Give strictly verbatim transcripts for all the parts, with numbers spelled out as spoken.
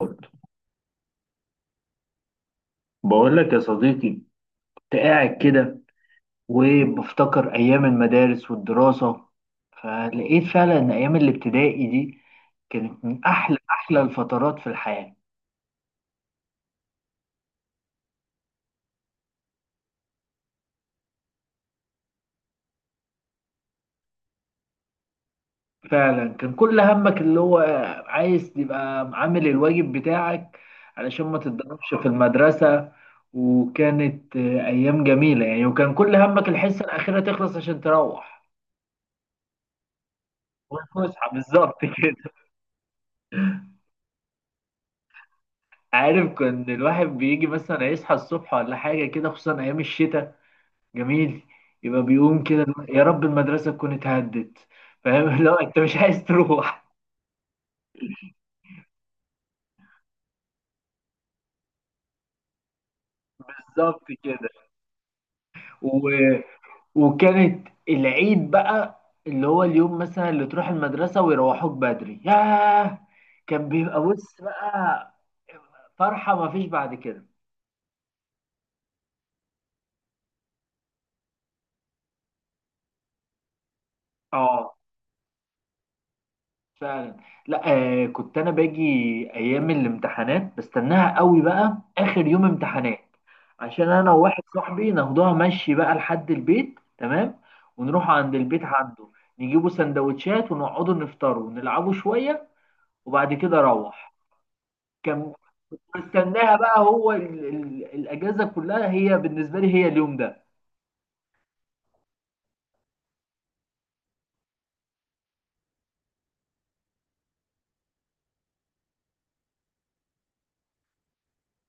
برضه، بقول لك يا صديقي، كنت قاعد كده وبفتكر أيام المدارس والدراسة، فلقيت فعلا إن أيام الابتدائي دي كانت من أحلى أحلى الفترات في الحياة. فعلا كان كل همك اللي هو عايز تبقى عامل الواجب بتاعك علشان ما تتضربش في المدرسة. وكانت آه، أيام جميلة يعني، وكان كل همك الحصة الأخيرة تخلص عشان تروح. والفسحة بالظبط كده. عارف كان الواحد بيجي مثلا يصحى الصبح ولا حاجة كده، خصوصا أيام الشتاء، جميل، يبقى بيقوم كده اللي هو يا رب المدرسة تكون اتهدت. فاهم؟ لا أنت مش عايز تروح. بالظبط كده. و... وكانت العيد بقى اللي هو اليوم، مثلا، اللي تروح المدرسة ويروحوك بدري. ياه، كان بيبقى بص بقى فرحة مفيش بعد كده. اه، فعلا. لا، آه، كنت انا باجي ايام الامتحانات بستناها قوي بقى، اخر يوم امتحانات عشان انا وواحد صاحبي ناخدوها مشي بقى لحد البيت، تمام، ونروح عند البيت عنده نجيبوا سندوتشات ونقعدوا نفطروا ونلعبوا شوية، وبعد كده اروح. كان بستناها بقى، هو ال ال الاجازة كلها هي بالنسبة لي هي اليوم ده.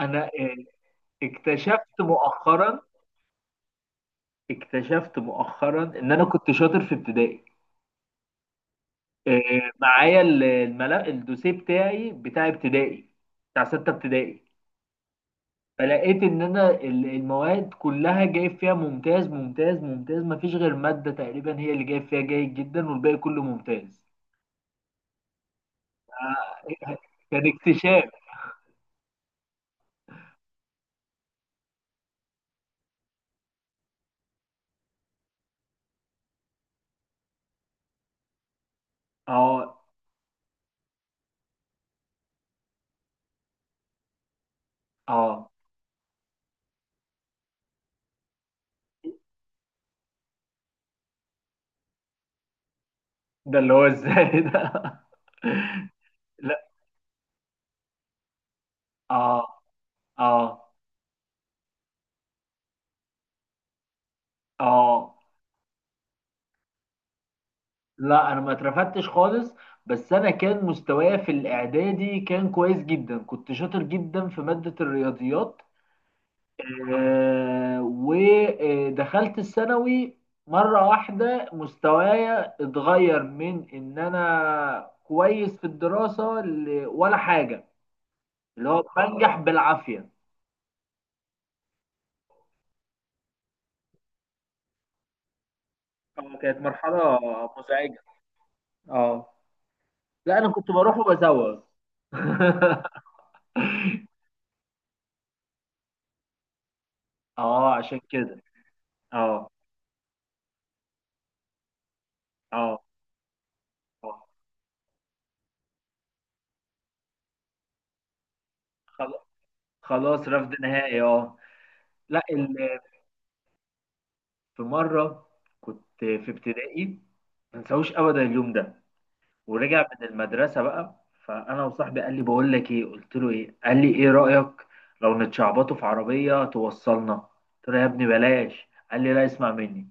انا آه، اكتشفت مؤخرا، اكتشفت مؤخرا ان انا كنت شاطر في ابتدائي. آه، معايا ال- الملف الدوسيه بتاعي بتاع ابتدائي، بتاع ستة ابتدائي. فلقيت ان انا ال- المواد كلها جايب فيها ممتاز ممتاز ممتاز، مفيش غير مادة تقريبا هي اللي جايب فيها جيد جدا، والباقي كله ممتاز. آه، كان اكتشاف. اه، اه. ده اللي هو ازاي ده؟ لا. اه، اه، اه. لا انا ما اترفدتش خالص، بس انا كان مستوايا في الاعدادي كان كويس جدا، كنت شاطر جدا في مادة الرياضيات. آه ودخلت الثانوي، مرة واحدة مستوايا اتغير من ان انا كويس في الدراسة ل- ولا حاجة، اللي هو بنجح بالعافية. اه، كانت مرحلة مزعجة. اه، لا، انا كنت بروح وبزوغ. اه، عشان كده. اه، اه، آه. خل- خلاص، رفض نهائي، اه. لا، ال- في مره كنت في ابتدائي، ما انساهوش ابدا اليوم ده. ورجع من المدرسه بقى، فانا وصاحبي قال لي: بقول لك ايه. قلت له: ايه. قال لي: ايه رايك لو نتشعبطوا في عربيه توصلنا. قلت له: يا ابني بلاش. قال لي: لا، اسمع مني.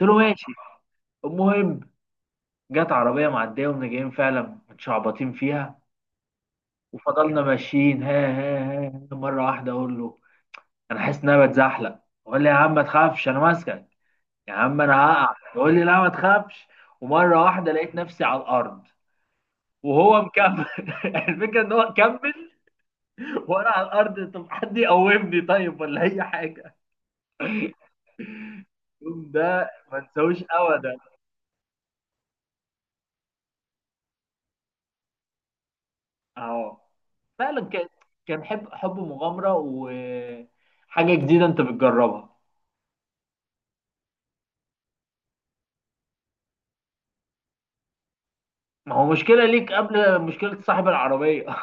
قلت له: ماشي. المهم، جت عربيه معديه ومن جايين فعلا متشعبطين فيها، وفضلنا ماشيين، ها ها ها ها. مره واحده اقول له: انا حاسس ان انا بتزحلق. وقال لي: يا عم ما تخافش انا ماسكك. يا عم انا هقع. يقول لي: لا ما تخافش. ومره واحده لقيت نفسي على الارض، وهو مكمل. الفكره ان هو كمل وانا على الارض. طب حد يقومني طيب ولا اي حاجه؟ اليوم ده ما انساهوش ابدا. اهو. فعلا كان، كان حب، حب مغامره وحاجه جديده انت بتجربها. ما هو مشكله ليك قبل مشكله صاحب العربيه.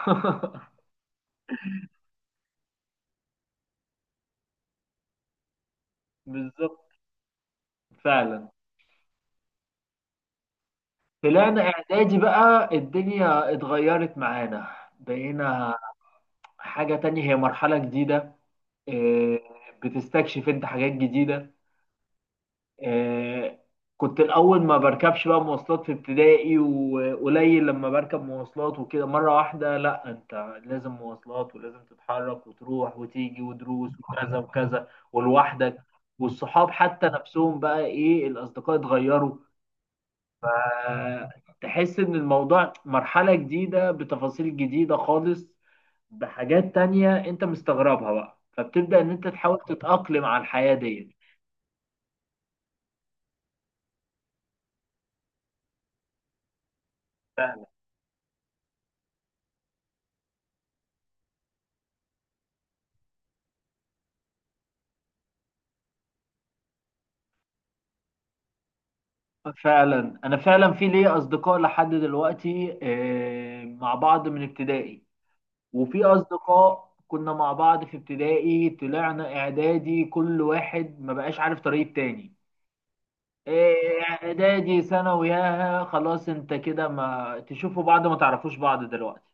بالظبط، فعلا. طلعنا اعدادي بقى، الدنيا اتغيرت معانا، بقينا حاجة تانية، هي مرحلة جديدة. آه، بتستكشف انت حاجات جديدة. آه، كنت الأول ما بركبش بقى مواصلات في ابتدائي، وقليل لما بركب مواصلات وكده، مرة واحدة لا انت لازم مواصلات، ولازم تتحرك وتروح وتيجي ودروس وكذا وكذا، ولوحدك. والصحاب حتى نفسهم بقى ايه، الأصدقاء اتغيروا. فتحس ان الموضوع مرحلة جديدة بتفاصيل جديدة خالص، بحاجات تانية انت مستغربها بقى، فبتبدأ ان انت تحاول تتأقلم على الحياة ديت. فعلا. انا فعلا في ليا اصدقاء لحد دلوقتي، آه، مع بعض من ابتدائي. وفي اصدقاء كنا مع بعض في ابتدائي طلعنا اعدادي كل واحد ما بقاش عارف طريق تاني. آه، اعدادي، ثانوي، ياها، خلاص انت كده ما تشوفوا بعض، ما تعرفوش بعض دلوقتي.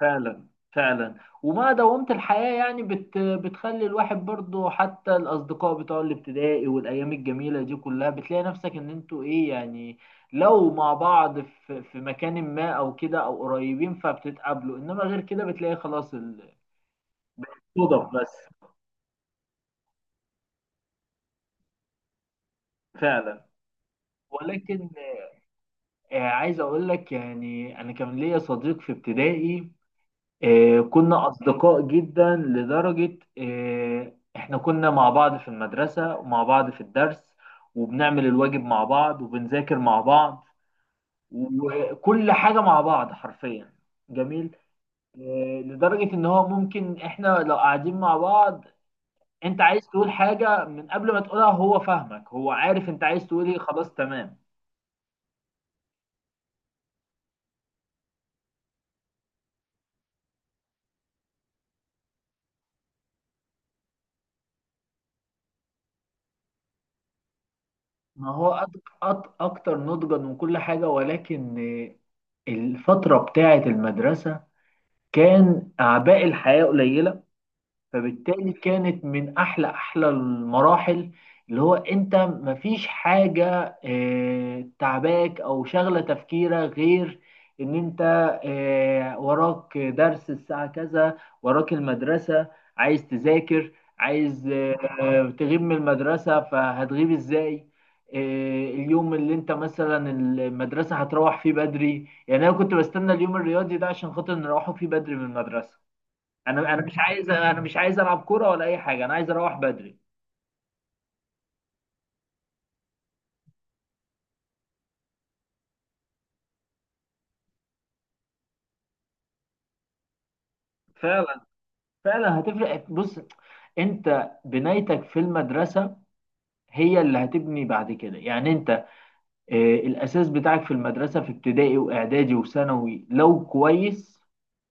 فعلا، فعلا. وما دومت الحياة يعني، بت بتخلي الواحد برضو، حتى الأصدقاء بتوع الابتدائي والأيام الجميلة دي كلها بتلاقي نفسك إن أنتوا إيه يعني، لو مع بعض في, في مكان ما أو كده أو قريبين فبتتقابلوا، إنما غير كده بتلاقي خلاص، الصدف بس. فعلا. ولكن آه، عايز أقول لك يعني، أنا كان ليا صديق في ابتدائي. آه، كنا أصدقاء جدا لدرجة آه، إحنا كنا مع بعض في المدرسة ومع بعض في الدرس، وبنعمل الواجب مع بعض وبنذاكر مع بعض، وكل حاجة مع بعض حرفيا. جميل. آه، لدرجة إن هو ممكن إحنا لو قاعدين مع بعض، أنت عايز تقول حاجة من قبل ما تقولها هو فاهمك، هو عارف أنت عايز تقول إيه، خلاص تمام. ما هو أك- أك- أكتر نضجا من كل حاجة. ولكن آه، الفترة بتاعة المدرسة كان اعباء الحياه قليله، فبالتالي كانت من احلى احلى المراحل. اللي هو انت مفيش حاجة آه، تعباك او شغلة تفكيرك، غير ان انت آه، وراك درس الساعة كذا، وراك المدرسة، عايز تذاكر، عايز آه، تغيب من المدرسة فهتغيب ازاي. آه، اليوم اللي انت مثلا المدرسة هتروح فيه بدري، يعني انا كنت بستنى اليوم الرياضي ده عشان خاطر نروحه فيه بدري من المدرسة. انا انا مش عايز، انا مش عايز العب كوره ولا اي حاجه، انا عايز اروح بدري. فعلا. فعلا هتفرق. بص، انت بنايتك في المدرسه هي اللي هتبني بعد كده، يعني انت آه، الاساس بتاعك في المدرسه في ابتدائي واعدادي وثانوي لو كويس،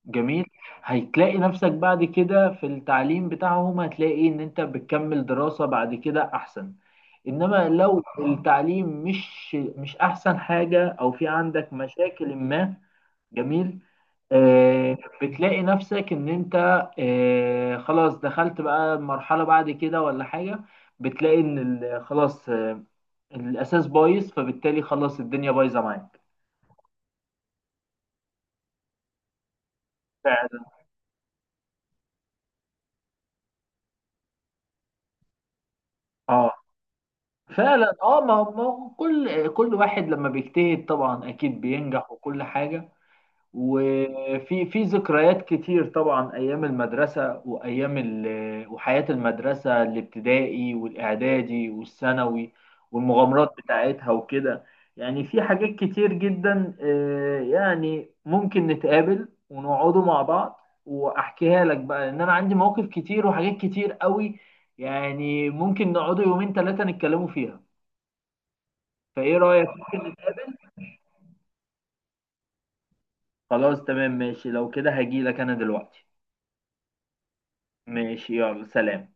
جميل، هتلاقي نفسك بعد كده في التعليم بتاعهم، هتلاقي ان انت بتكمل دراسه بعد كده احسن. انما لو التعليم مش مش احسن حاجه، او في عندك مشاكل ما، جميل، آه، بتلاقي نفسك ان انت آه، خلاص دخلت بقى مرحلة بعد كده ولا حاجة، بتلاقي ان ال- خلاص، آه، الاساس بايظ، فبالتالي خلاص الدنيا بايظة معاك. فعلا. اه فعلا. اه، ما ما هو كل كل واحد لما بيجتهد طبعا اكيد بينجح وكل حاجة. وفي في ذكريات كتير طبعا، ايام المدرسه وايام ال- وحياه المدرسه، الابتدائي والاعدادي والثانوي، والمغامرات بتاعتها وكده. يعني في حاجات كتير جدا، آه، يعني ممكن نتقابل ونقعدوا مع بعض، واحكيها لك بقى، لان انا عندي مواقف كتير وحاجات كتير قوي. يعني ممكن نقعدوا يومين ثلاثه نتكلموا فيها. فايه رايك، ممكن نتقابل؟ خلاص تمام ماشي. لو كده هجيلك انا دلوقتي. ماشي، يلا، سلام.